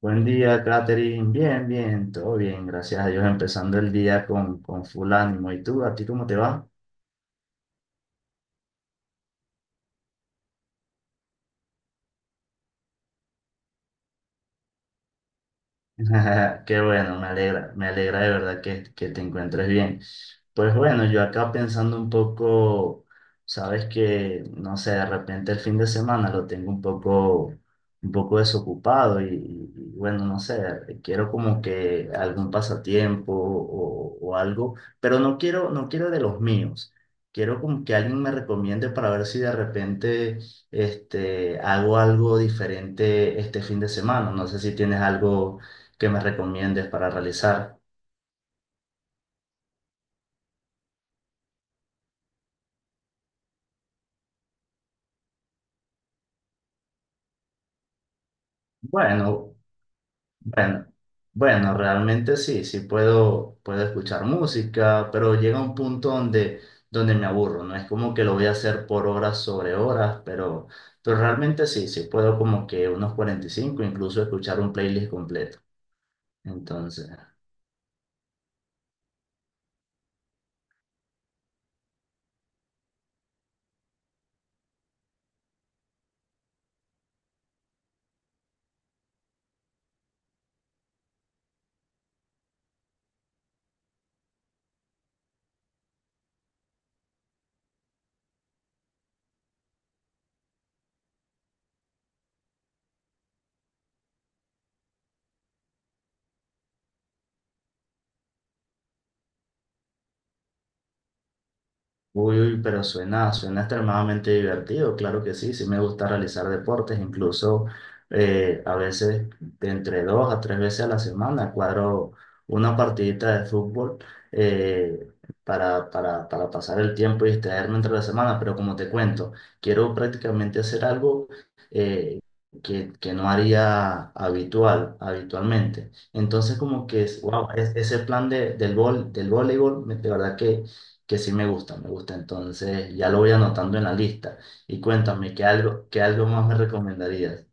Buen día, Katherine. Bien, todo bien, gracias a Dios, empezando el día con full ánimo. ¿Y tú, a ti cómo te va? Qué bueno, me alegra de verdad que te encuentres bien. Pues bueno, yo acá pensando un poco, sabes que, no sé, de repente el fin de semana lo tengo un poco desocupado y bueno, no sé, quiero como que algún pasatiempo o algo, pero no quiero, no quiero de los míos. Quiero como que alguien me recomiende para ver si de repente hago algo diferente este fin de semana. No sé si tienes algo que me recomiendes para realizar. Bueno, bueno, bueno, realmente sí, sí puedo escuchar música, pero llega un punto donde, donde me aburro, no es como que lo voy a hacer por horas sobre horas, pero realmente sí, sí puedo como que unos 45, incluso escuchar un playlist completo. Entonces, uy, uy, pero suena, suena extremadamente divertido, claro que sí, sí me gusta realizar deportes, incluso a veces de entre dos a tres veces a la semana cuadro una partidita de fútbol eh, para pasar el tiempo y distraerme entre la semana, pero como te cuento, quiero prácticamente hacer algo eh, que no haría habitualmente. Entonces como que, wow, ese plan del voleibol, de verdad que sí me gusta, me gusta. Entonces ya lo voy anotando en la lista. Y cuéntame, ¿ qué algo más me recomendarías?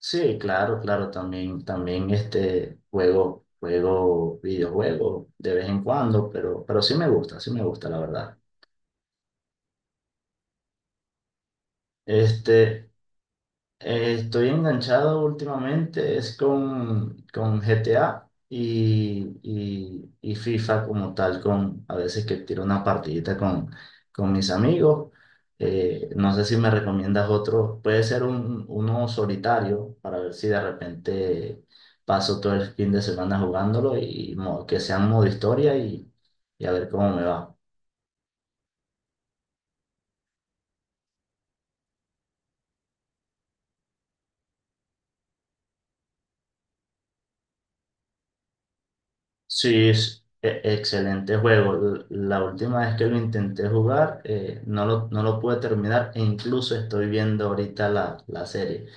Sí, claro, claro, también, también este juego videojuego de vez en cuando, pero sí me gusta, la verdad. Este, estoy enganchado últimamente, es con GTA y, y FIFA como tal, con a veces que tiro una partidita con mis amigos. No sé si me recomiendas otro, puede ser uno solitario para ver si de repente paso todo el fin de semana jugándolo y, que sea un modo historia y a ver cómo me va. Sí, es excelente juego. La última vez que lo intenté jugar, no lo pude terminar e incluso estoy viendo ahorita la serie.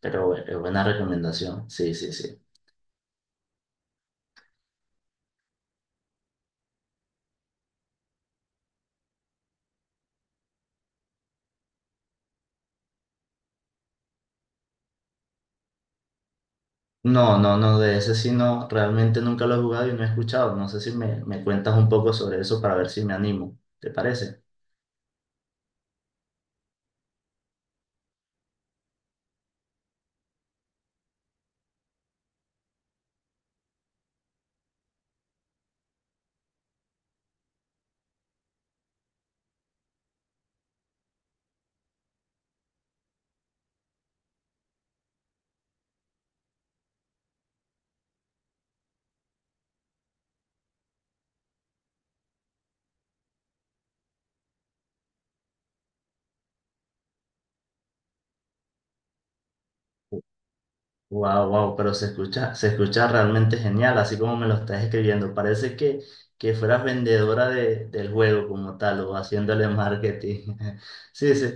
Pero buena recomendación. Sí, sí, sí. No, no, no, de ese sí no, realmente nunca lo he jugado y no he escuchado. No sé si me cuentas un poco sobre eso para ver si me animo. ¿Te parece? Wow, wow, pero se escucha realmente genial, así como me lo estás escribiendo. Parece que fueras vendedora del juego como tal o haciéndole marketing. Sí, sí.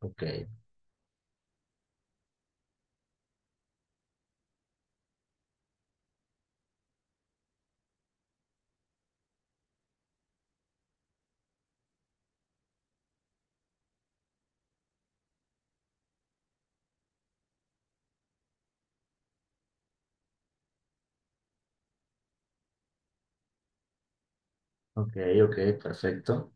Ok, ok, ok, perfecto.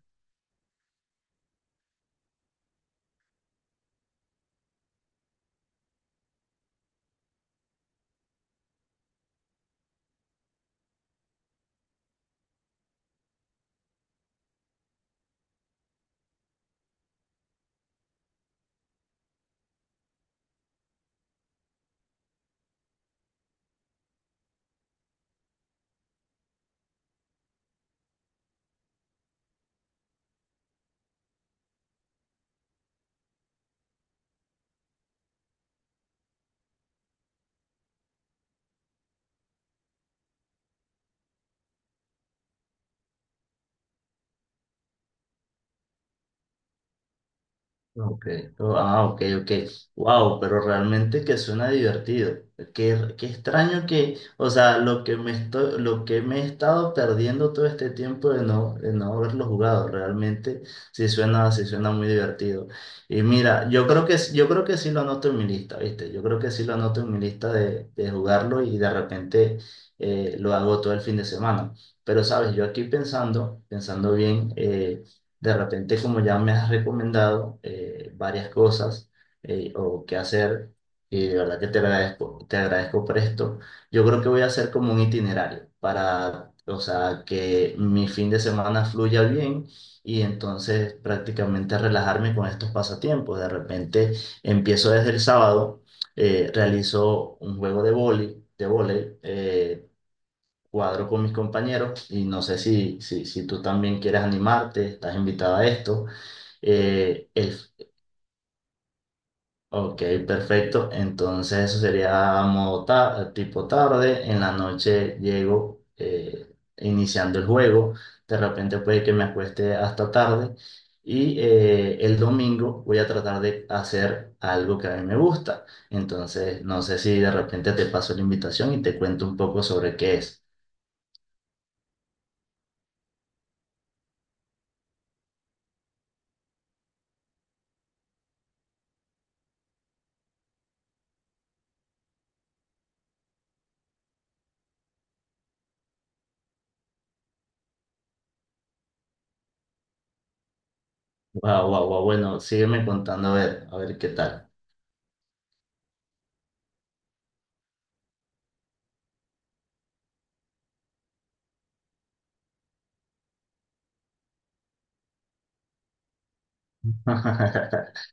Ok, oh, ah, ok, ok. Wow, pero realmente que suena divertido. Qué, qué extraño que, o sea, lo que me estoy, lo que me he estado perdiendo todo este tiempo de no haberlo jugado, realmente sí suena muy divertido. Y mira, yo creo que, yo creo que sí lo anoto en mi lista, ¿viste? Yo creo que sí lo anoto en mi lista de jugarlo y de repente lo hago todo el fin de semana. Pero sabes, yo aquí pensando, pensando bien, de repente, como ya me has recomendado varias cosas o qué hacer, y de verdad que te agradezco por esto, yo creo que voy a hacer como un itinerario para, o sea, que mi fin de semana fluya bien y entonces prácticamente relajarme con estos pasatiempos. De repente empiezo desde el sábado, realizo un juego de de vóley, cuadro con mis compañeros y no sé si tú también quieres animarte, estás invitado a esto. Eh, el- ok, perfecto. Entonces eso sería modo tipo tarde. En la noche llego iniciando el juego. De repente puede que me acueste hasta tarde. Y el domingo voy a tratar de hacer algo que a mí me gusta. Entonces, no sé si de repente te paso la invitación y te cuento un poco sobre qué es. Wow, wow, wow. Bueno, sígueme contando a ver qué tal.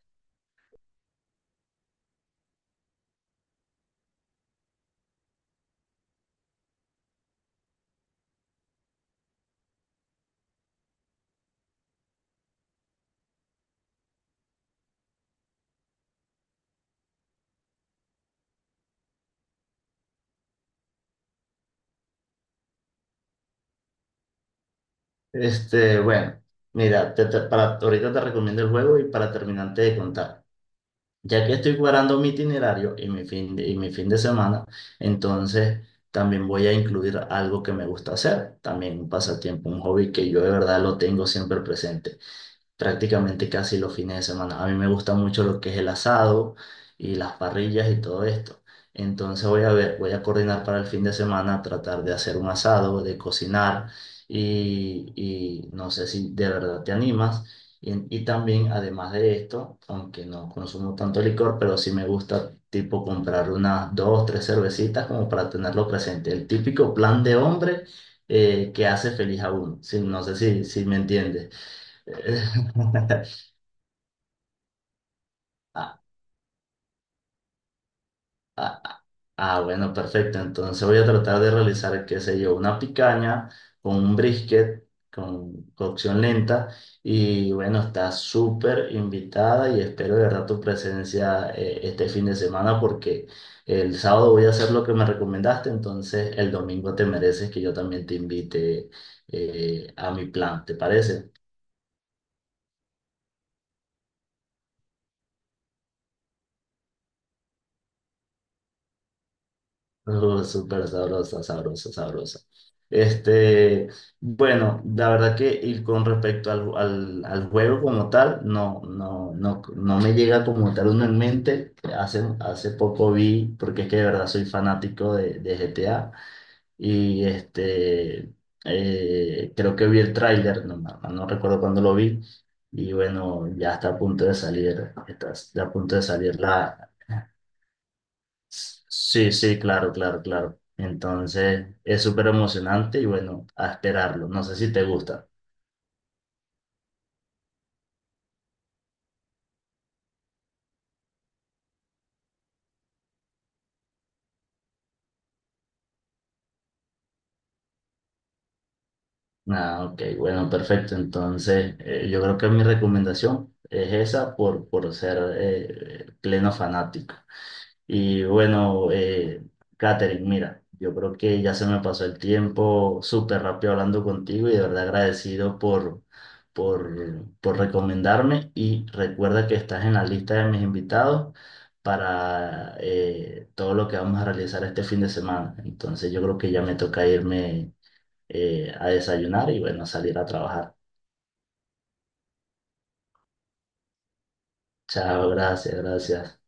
Bueno, mira, ahorita te recomiendo el juego y para terminarte de contar. Ya que estoy cuadrando mi itinerario y mi y mi fin de semana, entonces también voy a incluir algo que me gusta hacer, también un pasatiempo, un hobby que yo de verdad lo tengo siempre presente. Prácticamente casi los fines de semana. A mí me gusta mucho lo que es el asado y las parrillas y todo esto. Entonces voy a ver, voy a coordinar para el fin de semana, tratar de hacer un asado, de cocinar y no sé si de verdad te animas. Y también, además de esto, aunque no consumo tanto licor, pero sí me gusta tipo comprar unas dos, tres cervecitas como para tenerlo presente. El típico plan de hombre que hace feliz a uno. Sí, no sé si me entiendes. Ah, ah, ah, ah, bueno, perfecto. Entonces voy a tratar de realizar, qué sé yo, una picaña con un brisket, con cocción lenta. Y bueno, está súper invitada y espero de verdad tu presencia este fin de semana porque el sábado voy a hacer lo que me recomendaste. Entonces el domingo te mereces que yo también te invite a mi plan, ¿te parece? Súper sabrosa, sabrosa, sabrosa. Este, bueno, la verdad que y con respecto al juego como tal, no, no, no, no me llega como tal uno en mente. Hace, hace poco vi, porque es que de verdad soy fanático de GTA, y creo que vi el tráiler, no, no no recuerdo cuándo lo vi, y bueno, ya está a punto de salir, está, está a punto de salir. Sí, sí, claro, claro, claro. Entonces es súper emocionante y bueno, a esperarlo. No sé si te gusta. Ah, ok, bueno, perfecto. Entonces yo creo que mi recomendación es esa por ser pleno fanático. Y bueno, Katherine, mira, yo creo que ya se me pasó el tiempo súper rápido hablando contigo y de verdad agradecido por recomendarme. Y recuerda que estás en la lista de mis invitados para todo lo que vamos a realizar este fin de semana. Entonces yo creo que ya me toca irme a desayunar y bueno, a salir a trabajar. Chao, gracias, gracias.